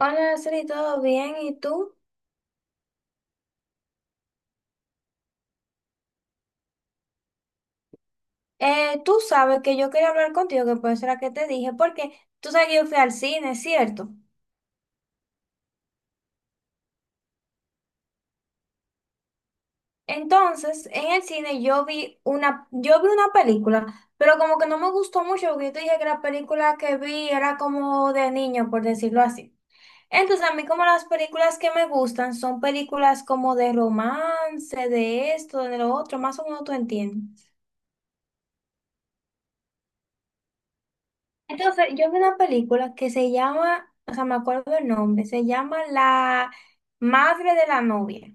Hola, Araceli, ¿todo bien? ¿Y tú? Tú sabes que yo quería hablar contigo, que por eso era que te dije, porque tú sabes que yo fui al cine, ¿cierto? Entonces, en el cine yo vi una película, pero como que no me gustó mucho, porque yo te dije que la película que vi era como de niño, por decirlo así. Entonces, a mí como las películas que me gustan son películas como de romance, de esto, de lo otro, más o menos tú entiendes. Entonces, yo vi una película que se llama, o sea, me acuerdo el nombre, se llama La Madre de la Novia.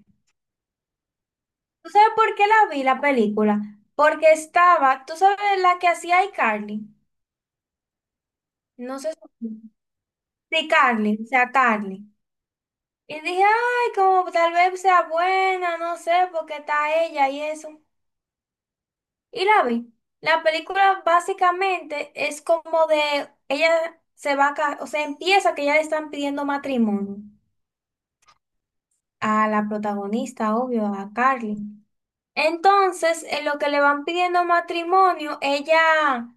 ¿Tú sabes por qué la vi la película? Porque estaba, tú sabes la que hacía iCarly. No sé si. Sí, Carly, o sea, Carly. Y dije, ay, como tal vez sea buena, no sé, porque está ella y eso. Y la vi. La película básicamente es como de, ella se va a casar, o sea, empieza que ya le están pidiendo matrimonio a la protagonista, obvio, a Carly. Entonces, en lo que le van pidiendo matrimonio, ella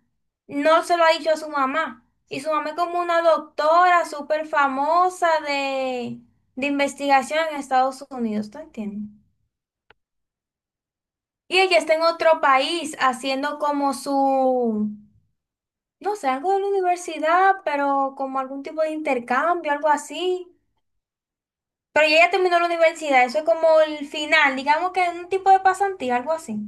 no se lo ha dicho a su mamá. Y su mamá es como una doctora súper famosa de investigación en Estados Unidos, ¿tú entiendes? Y ella está en otro país haciendo como su, no sé, algo de la universidad, pero como algún tipo de intercambio, algo así. Pero ella ya terminó la universidad, eso es como el final, digamos que es un tipo de pasantía, algo así.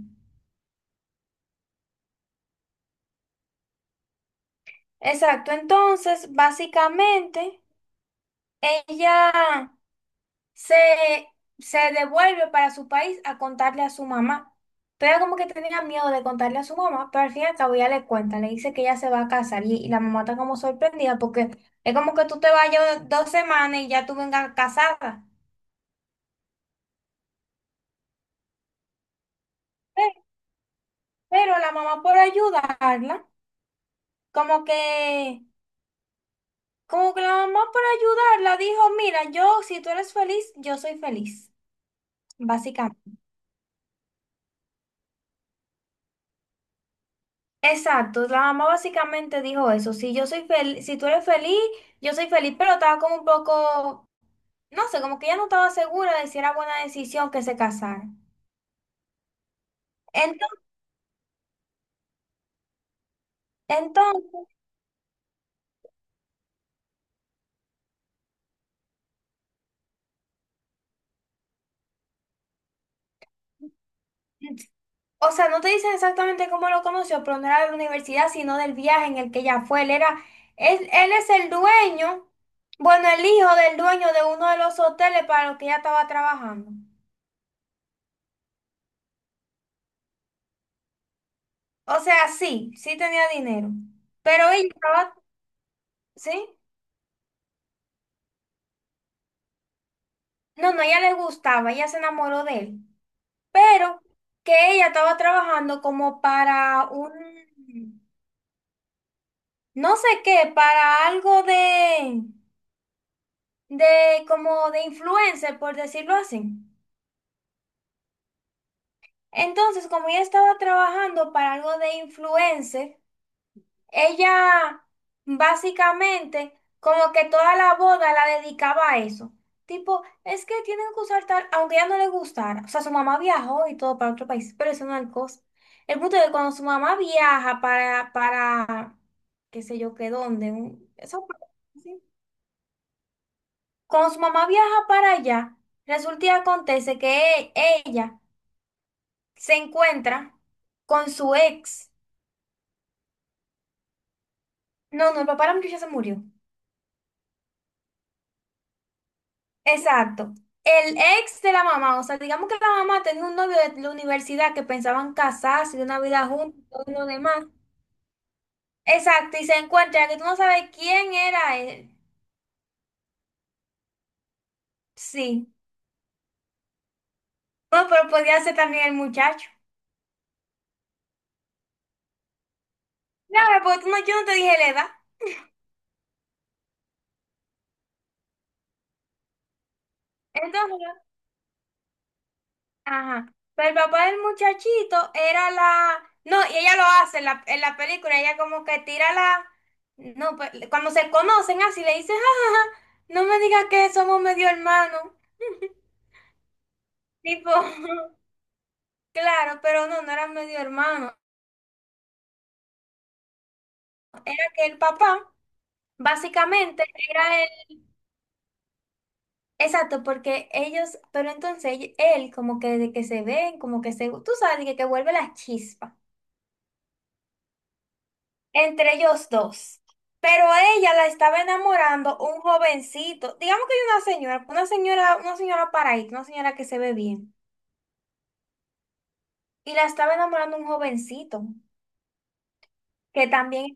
Exacto, entonces básicamente ella se, se devuelve para su país a contarle a su mamá. Pero ella como que tenía miedo de contarle a su mamá, pero al fin y al cabo ella le cuenta, le dice que ella se va a casar y la mamá está como sorprendida porque es como que tú te vayas 2 semanas y ya tú vengas casada. Pero, pero la mamá por ayudarla, como que, como que la mamá por ayudarla dijo, mira, yo si tú eres feliz, yo soy feliz, básicamente. Exacto, la mamá básicamente dijo eso, si yo soy feliz, si tú eres feliz, yo soy feliz, pero estaba como un poco, no sé, como que ella no estaba segura de si era buena decisión que se casaran. Entonces, entonces, o sea, no te dicen exactamente cómo lo conoció, pero no era de la universidad, sino del viaje en el que ella fue. Él era, él es el dueño, bueno, el hijo del dueño de uno de los hoteles para los que ella estaba trabajando. O sea, sí tenía dinero, pero ella estaba, ¿sí? No, no, ella le gustaba, ella se enamoró de él, pero que ella estaba trabajando como para un, no sé qué, para algo de como de influencer, por decirlo así. Entonces, como ella estaba trabajando para algo de influencer, ella básicamente como que toda la boda la dedicaba a eso. Tipo, es que tienen que usar tal, aunque a ella no le gustara. O sea, su mamá viajó y todo para otro país, pero eso no es el cosa. El punto es que cuando su mamá viaja para, qué sé yo, qué dónde, eso, sí. Cuando su mamá viaja para allá, resulta y acontece que ella se encuentra con su ex. No, no, el papá de la muchacha se murió. Exacto. El ex de la mamá, o sea, digamos que la mamá tenía un novio de la universidad que pensaban casarse, de una vida juntos, todo lo demás. Exacto, y se encuentra que tú no sabes quién era él. Sí. No, pero podía ser también el muchacho. Claro, porque tú no, yo no te dije la edad. Entonces, ajá. Pero el papá del muchachito era la... No, y ella lo hace en la película, ella como que tira la... No, pues cuando se conocen así le dice, jajaja, no me digas que somos medio hermanos. Tipo, claro, pero no, no era medio hermano. Era que el papá, básicamente, era él. Exacto, porque ellos, pero entonces él, como que desde que se ven, como que se, tú sabes, que vuelve la chispa entre ellos dos. Pero a ella la estaba enamorando un jovencito, digamos que hay una señora paraíso, una señora que se ve bien. Y la estaba enamorando un jovencito, que también,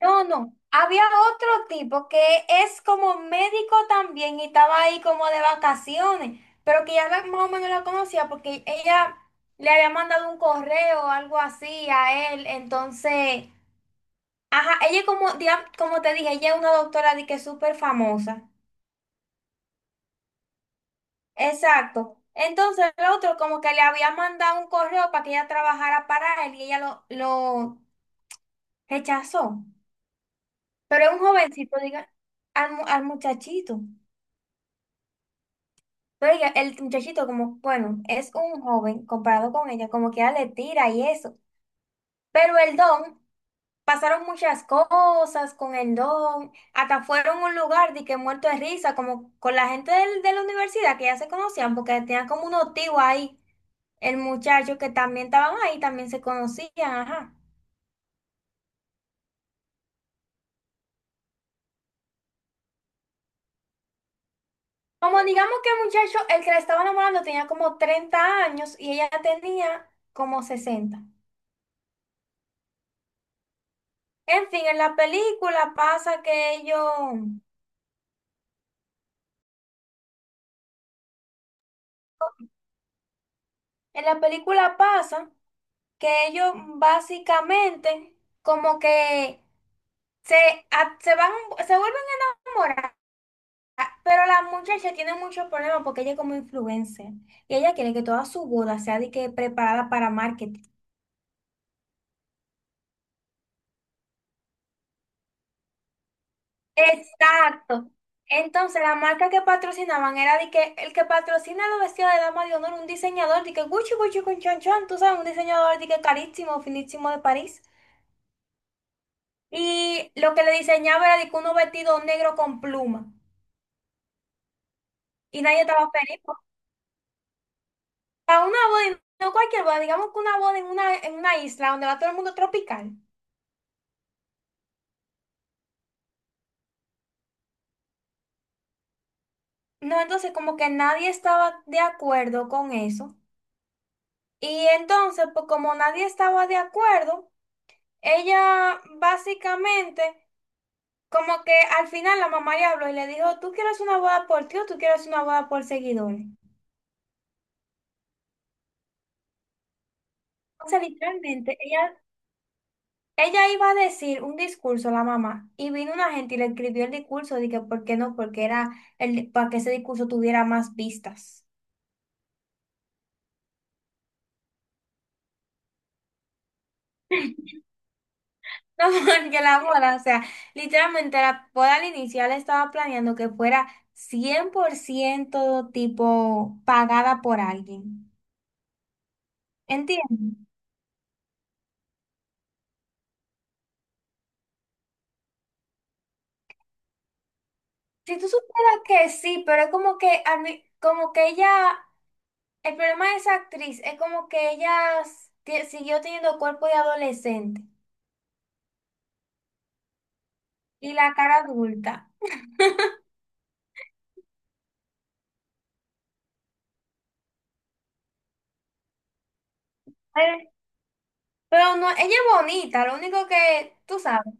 no, no, había otro tipo que es como médico también y estaba ahí como de vacaciones, pero que ya más o menos la conocía porque ella le había mandado un correo o algo así a él, entonces... Ajá, ella como, digamos, como te dije, ella es una doctora de que es súper famosa. Exacto. Entonces el otro como que le había mandado un correo para que ella trabajara para él y ella lo rechazó. Pero es un jovencito, diga, al muchachito. Pero el muchachito como, bueno, es un joven comparado con ella, como que ella le tira y eso. Pero el don, pasaron muchas cosas con el don, hasta fueron a un lugar de que muerto de risa, como con la gente de la universidad que ya se conocían, porque tenían como un tíos ahí. El muchacho que también estaban ahí, también se conocían, ajá. Como digamos que el muchacho, el que la estaba enamorando tenía como 30 años y ella tenía como 60. En fin, en la película pasa que ellos, en la película pasa que ellos básicamente como que se, a- se van, se vuelven a enamorar, pero la muchacha tiene muchos problemas porque ella es como influencer y ella quiere que toda su boda sea de que preparada para marketing. Exacto. Entonces, la marca que patrocinaban era de que el que patrocina los vestidos de dama de honor, un diseñador de que Gucci Gucci con chon chon, tú sabes, un diseñador de que carísimo, finísimo de París. Y lo que le diseñaba era de que unos vestidos negros con pluma. Y nadie estaba feliz, po. Para una boda, no cualquier boda, digamos que una boda en una isla donde va todo el mundo tropical. No, entonces como que nadie estaba de acuerdo con eso. Y entonces, pues como nadie estaba de acuerdo, ella básicamente, como que al final la mamá le habló y le dijo, ¿tú quieres una boda por ti o tú quieres una boda por seguidores? O sea, literalmente, ella iba a decir un discurso, la mamá, y vino una gente y le escribió el discurso, dije, ¿por qué no? Porque era el, para que ese discurso tuviera más vistas. No, porque la boda, o sea, literalmente la boda al inicial estaba planeando que fuera 100% tipo pagada por alguien. ¿Entiendes? Si tú supieras que sí, pero es como que, como que ella, el problema de esa actriz es como que ella siguió teniendo cuerpo de adolescente y la cara adulta. Eh, Pero no, ella es bonita, lo único que tú sabes.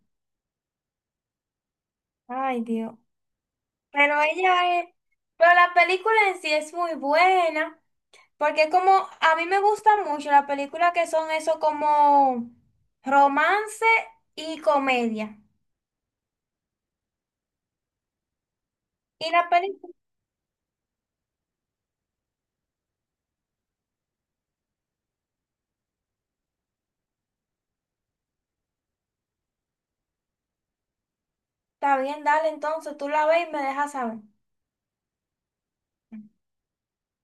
Ay, Dios. Pero ella es, pero la película en sí es muy buena, porque como a mí me gusta mucho las películas que son eso como romance y comedia. Y la película. Está bien, dale, entonces tú la ves y me dejas saber.